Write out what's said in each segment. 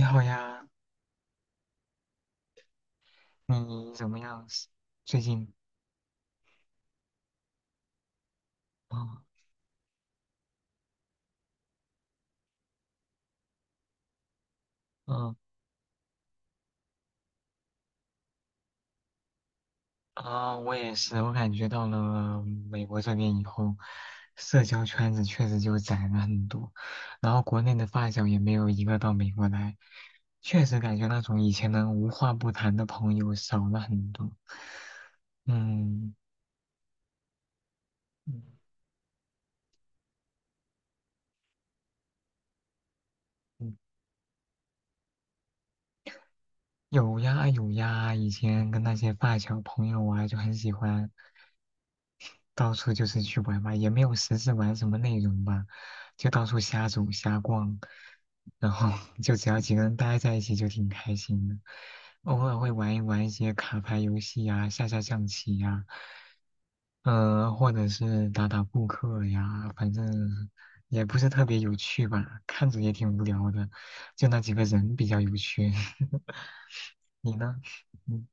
你好呀，你怎么样？最近？嗯嗯。啊，我也是，我感觉到了美国这边以后，社交圈子确实就窄了很多，然后国内的发小也没有一个到美国来，确实感觉那种以前能无话不谈的朋友少了很多。嗯嗯嗯，有呀有呀，以前跟那些发小朋友啊，就很喜欢。到处就是去玩嘛，也没有实质玩什么内容吧，就到处瞎走瞎逛，然后 就只要几个人待在一起就挺开心的。偶尔会玩一玩一些卡牌游戏呀、下下象棋呀、或者是打打扑克呀，反正也不是特别有趣吧，看着也挺无聊的，就那几个人比较有趣。你呢？嗯。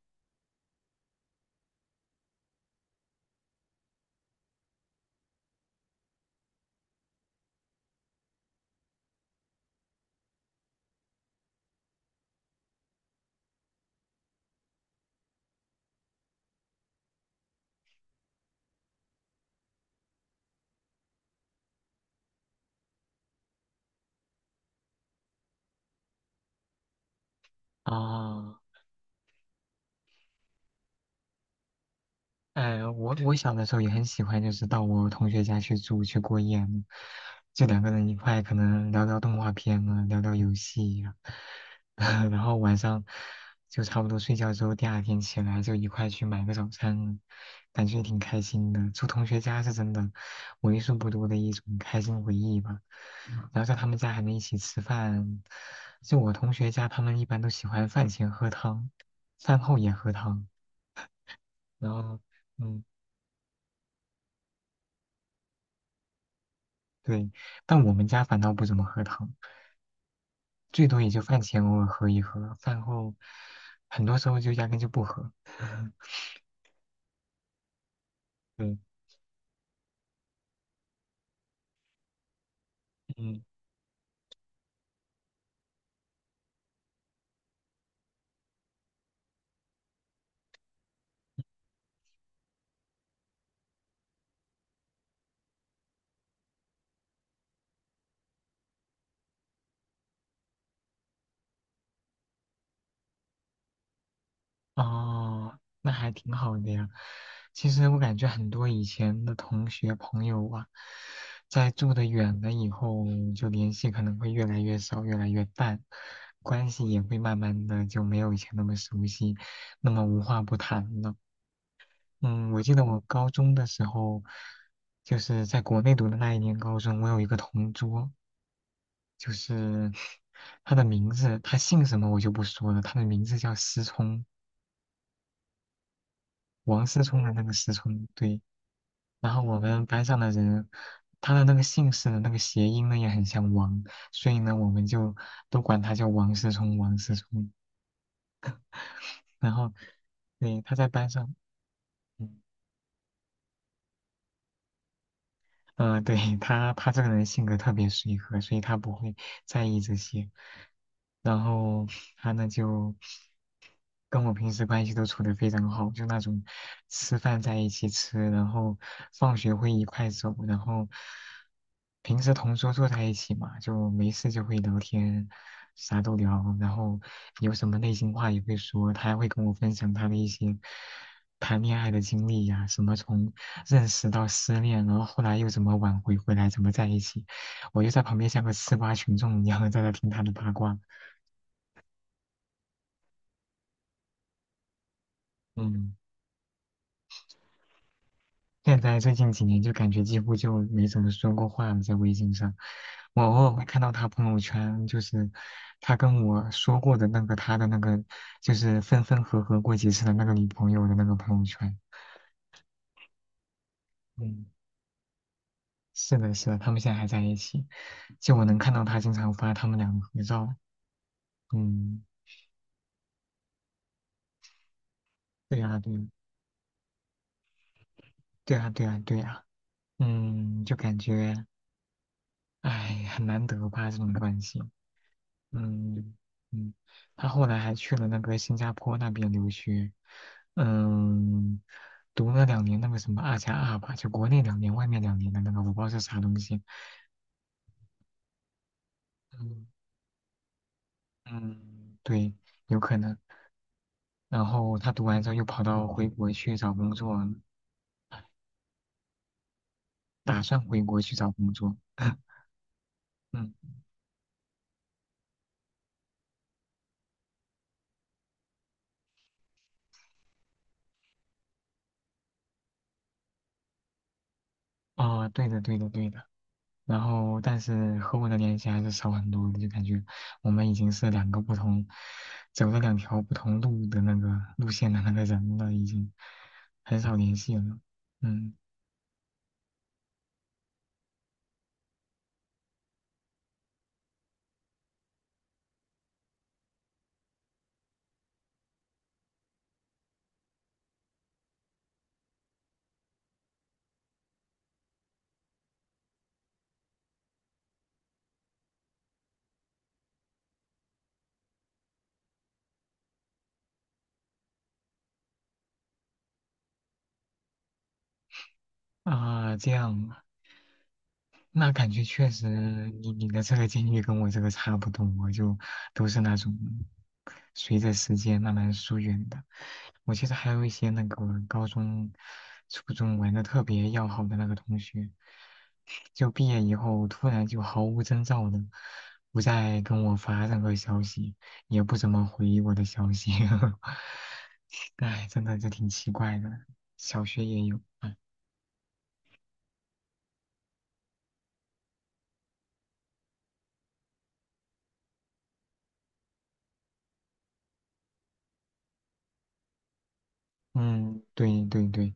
啊。我小的时候也很喜欢，就是到我同学家去住去过夜嘛，就2个人一块，可能聊聊动画片啊，聊聊游戏呀、然后晚上就差不多睡觉之后，第二天起来就一块去买个早餐，感觉挺开心的。住同学家是真的为数不多的一种开心回忆吧。然后在他们家还能一起吃饭，就我同学家，他们一般都喜欢饭前喝汤，饭后也喝汤，然后嗯。对，但我们家反倒不怎么喝汤，最多也就饭前偶尔喝一喝，饭后很多时候就压根就不喝。对，嗯，哦，那还挺好的呀。其实我感觉很多以前的同学朋友啊，在住的远了以后，就联系可能会越来越少，越来越淡，关系也会慢慢的就没有以前那么熟悉，那么无话不谈了。嗯，我记得我高中的时候，就是在国内读的那一年高中，我有一个同桌，就是 他的名字，他姓什么我就不说了，他的名字叫思聪，王思聪的那个思聪，对。然后我们班上的人，他的那个姓氏的那个谐音呢也很像王，所以呢我们就都管他叫王思聪，王思聪。然后，对，他在班上。嗯嗯、对，他这个人性格特别随和，所以他不会在意这些。然后他呢就跟我平时关系都处得非常好，就那种吃饭在一起吃，然后放学会一块走，然后平时同桌坐在一起嘛，就没事就会聊天，啥都聊，然后有什么内心话也会说，他还会跟我分享他的一些谈恋爱的经历呀、什么从认识到失恋，然后后来又怎么挽回回来，怎么在一起，我就在旁边像个吃瓜群众一样在那听他的八卦。嗯，现在最近几年就感觉几乎就没怎么说过话了，在微信上，我偶尔会看到他朋友圈，就是他跟我说过的那个他的那个，就是分分合合过几次的那个女朋友的那个朋友圈。嗯。是的，是的，他们现在还在一起，就我能看到他经常发他们两个合照。嗯，对呀，对，对呀，对呀，对呀。嗯，就感觉，哎，很难得吧这种关系。嗯嗯，他后来还去了那个新加坡那边留学，嗯，读了两年那个什么2+2吧，就国内两年，外面两年的那个，我不知道是啥东西。嗯嗯，对，有可能。然后他读完之后又跑到回国去找工作，打算回国去找工作。嗯，哦，对的，对的，对的。然后，但是和我的联系还是少很多的，就感觉我们已经是两个不同，走了2条不同路的那个路线的那个人了，已经很少联系了。嗯。啊，这样，那感觉确实你的这个经历跟我这个差不多，我就都是那种随着时间慢慢疏远的。我记得还有一些那个我高中、初中玩的特别要好的那个同学，就毕业以后突然就毫无征兆的不再跟我发任何消息，也不怎么回我的消息。哎，真的这挺奇怪的，小学也有。嗯，对对对，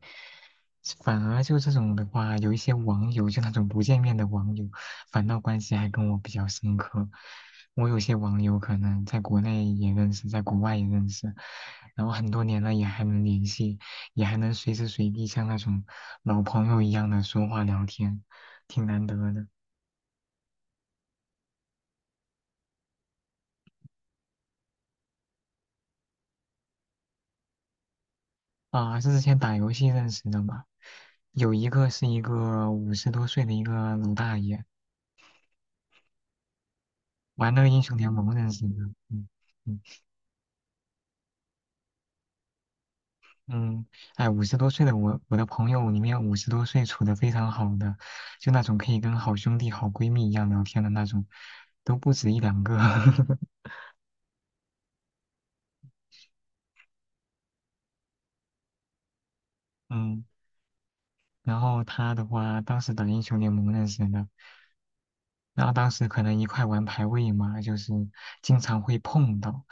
反而就这种的话，有一些网友，就那种不见面的网友，反倒关系还跟我比较深刻。我有些网友可能在国内也认识，在国外也认识，然后很多年了也还能联系，也还能随时随地像那种老朋友一样的说话聊天，挺难得的。啊，是之前打游戏认识的嘛？有一个是一个五十多岁的一个老大爷，玩那个英雄联盟认识的。嗯。嗯嗯，哎，五十多岁的我，我的朋友里面五十多岁处的非常好的，就那种可以跟好兄弟、好闺蜜一样聊天的那种，都不止一两个。嗯然后他的话，当时打英雄联盟认识的，然后当时可能一块玩排位嘛，就是经常会碰到，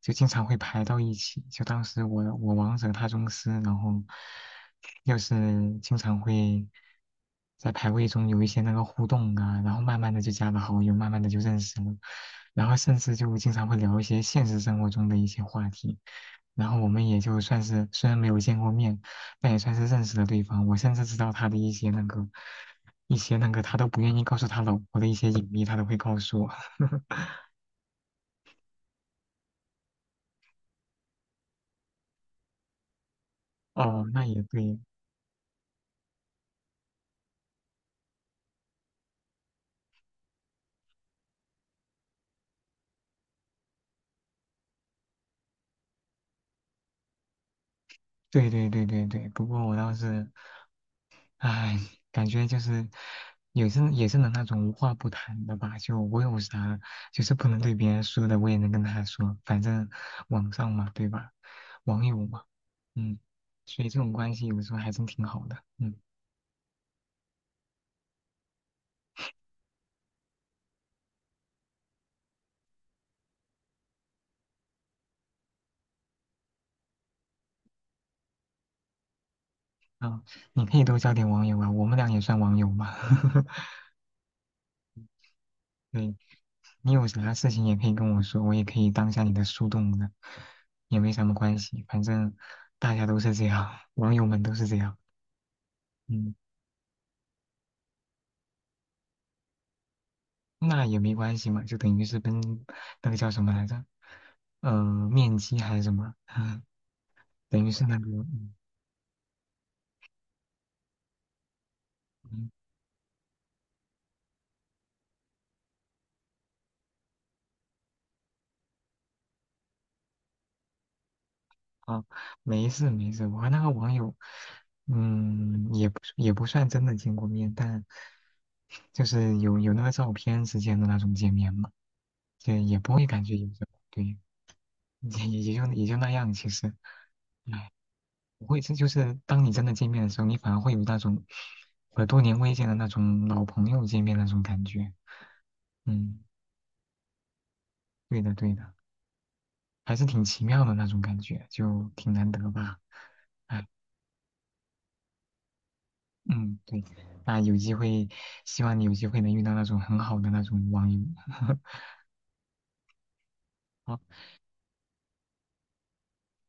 就经常会排到一起。就当时我王者他宗师，然后又是经常会在排位中有一些那个互动啊，然后慢慢的就加了好友，慢慢的就认识了，然后甚至就经常会聊一些现实生活中的一些话题，然后我们也就算是虽然没有见过面。那也算是认识了对方。我甚至知道他的一些那个，一些那个他都不愿意告诉他老婆的一些隐秘，他都会告诉我。哦，那也对，对对对对对。不过我倒是，唉，感觉就是也是能那种无话不谈的吧。就我有啥，就是不能对别人说的，我也能跟他说。反正网上嘛，对吧？网友嘛，嗯，所以这种关系有时候还真挺好的。嗯，啊，你可以多交点网友啊，我们俩也算网友嘛。对，你有啥事情也可以跟我说，我也可以当下你的树洞的，也没什么关系，反正大家都是这样，网友们都是这样，嗯，那也没关系嘛，就等于是跟那个叫什么来着，呃，面基还是什么，等于是那个，嗯，嗯哦，没事没事，我和那个网友，嗯，也不算真的见过面，但就是有那个照片之间的那种见面嘛，也不会感觉有什么，对。也就那样，其实，哎，不会，这就是当你真的见面的时候，你反而会有那种和多年未见的那种老朋友见面那种感觉。嗯，对的对的，还是挺奇妙的那种感觉，就挺难得吧。唉，嗯，对，那有机会，希望你有机会能遇到那种很好的那种网友。好，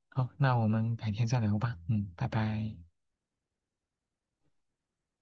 好，那我们改天再聊吧。嗯，拜拜。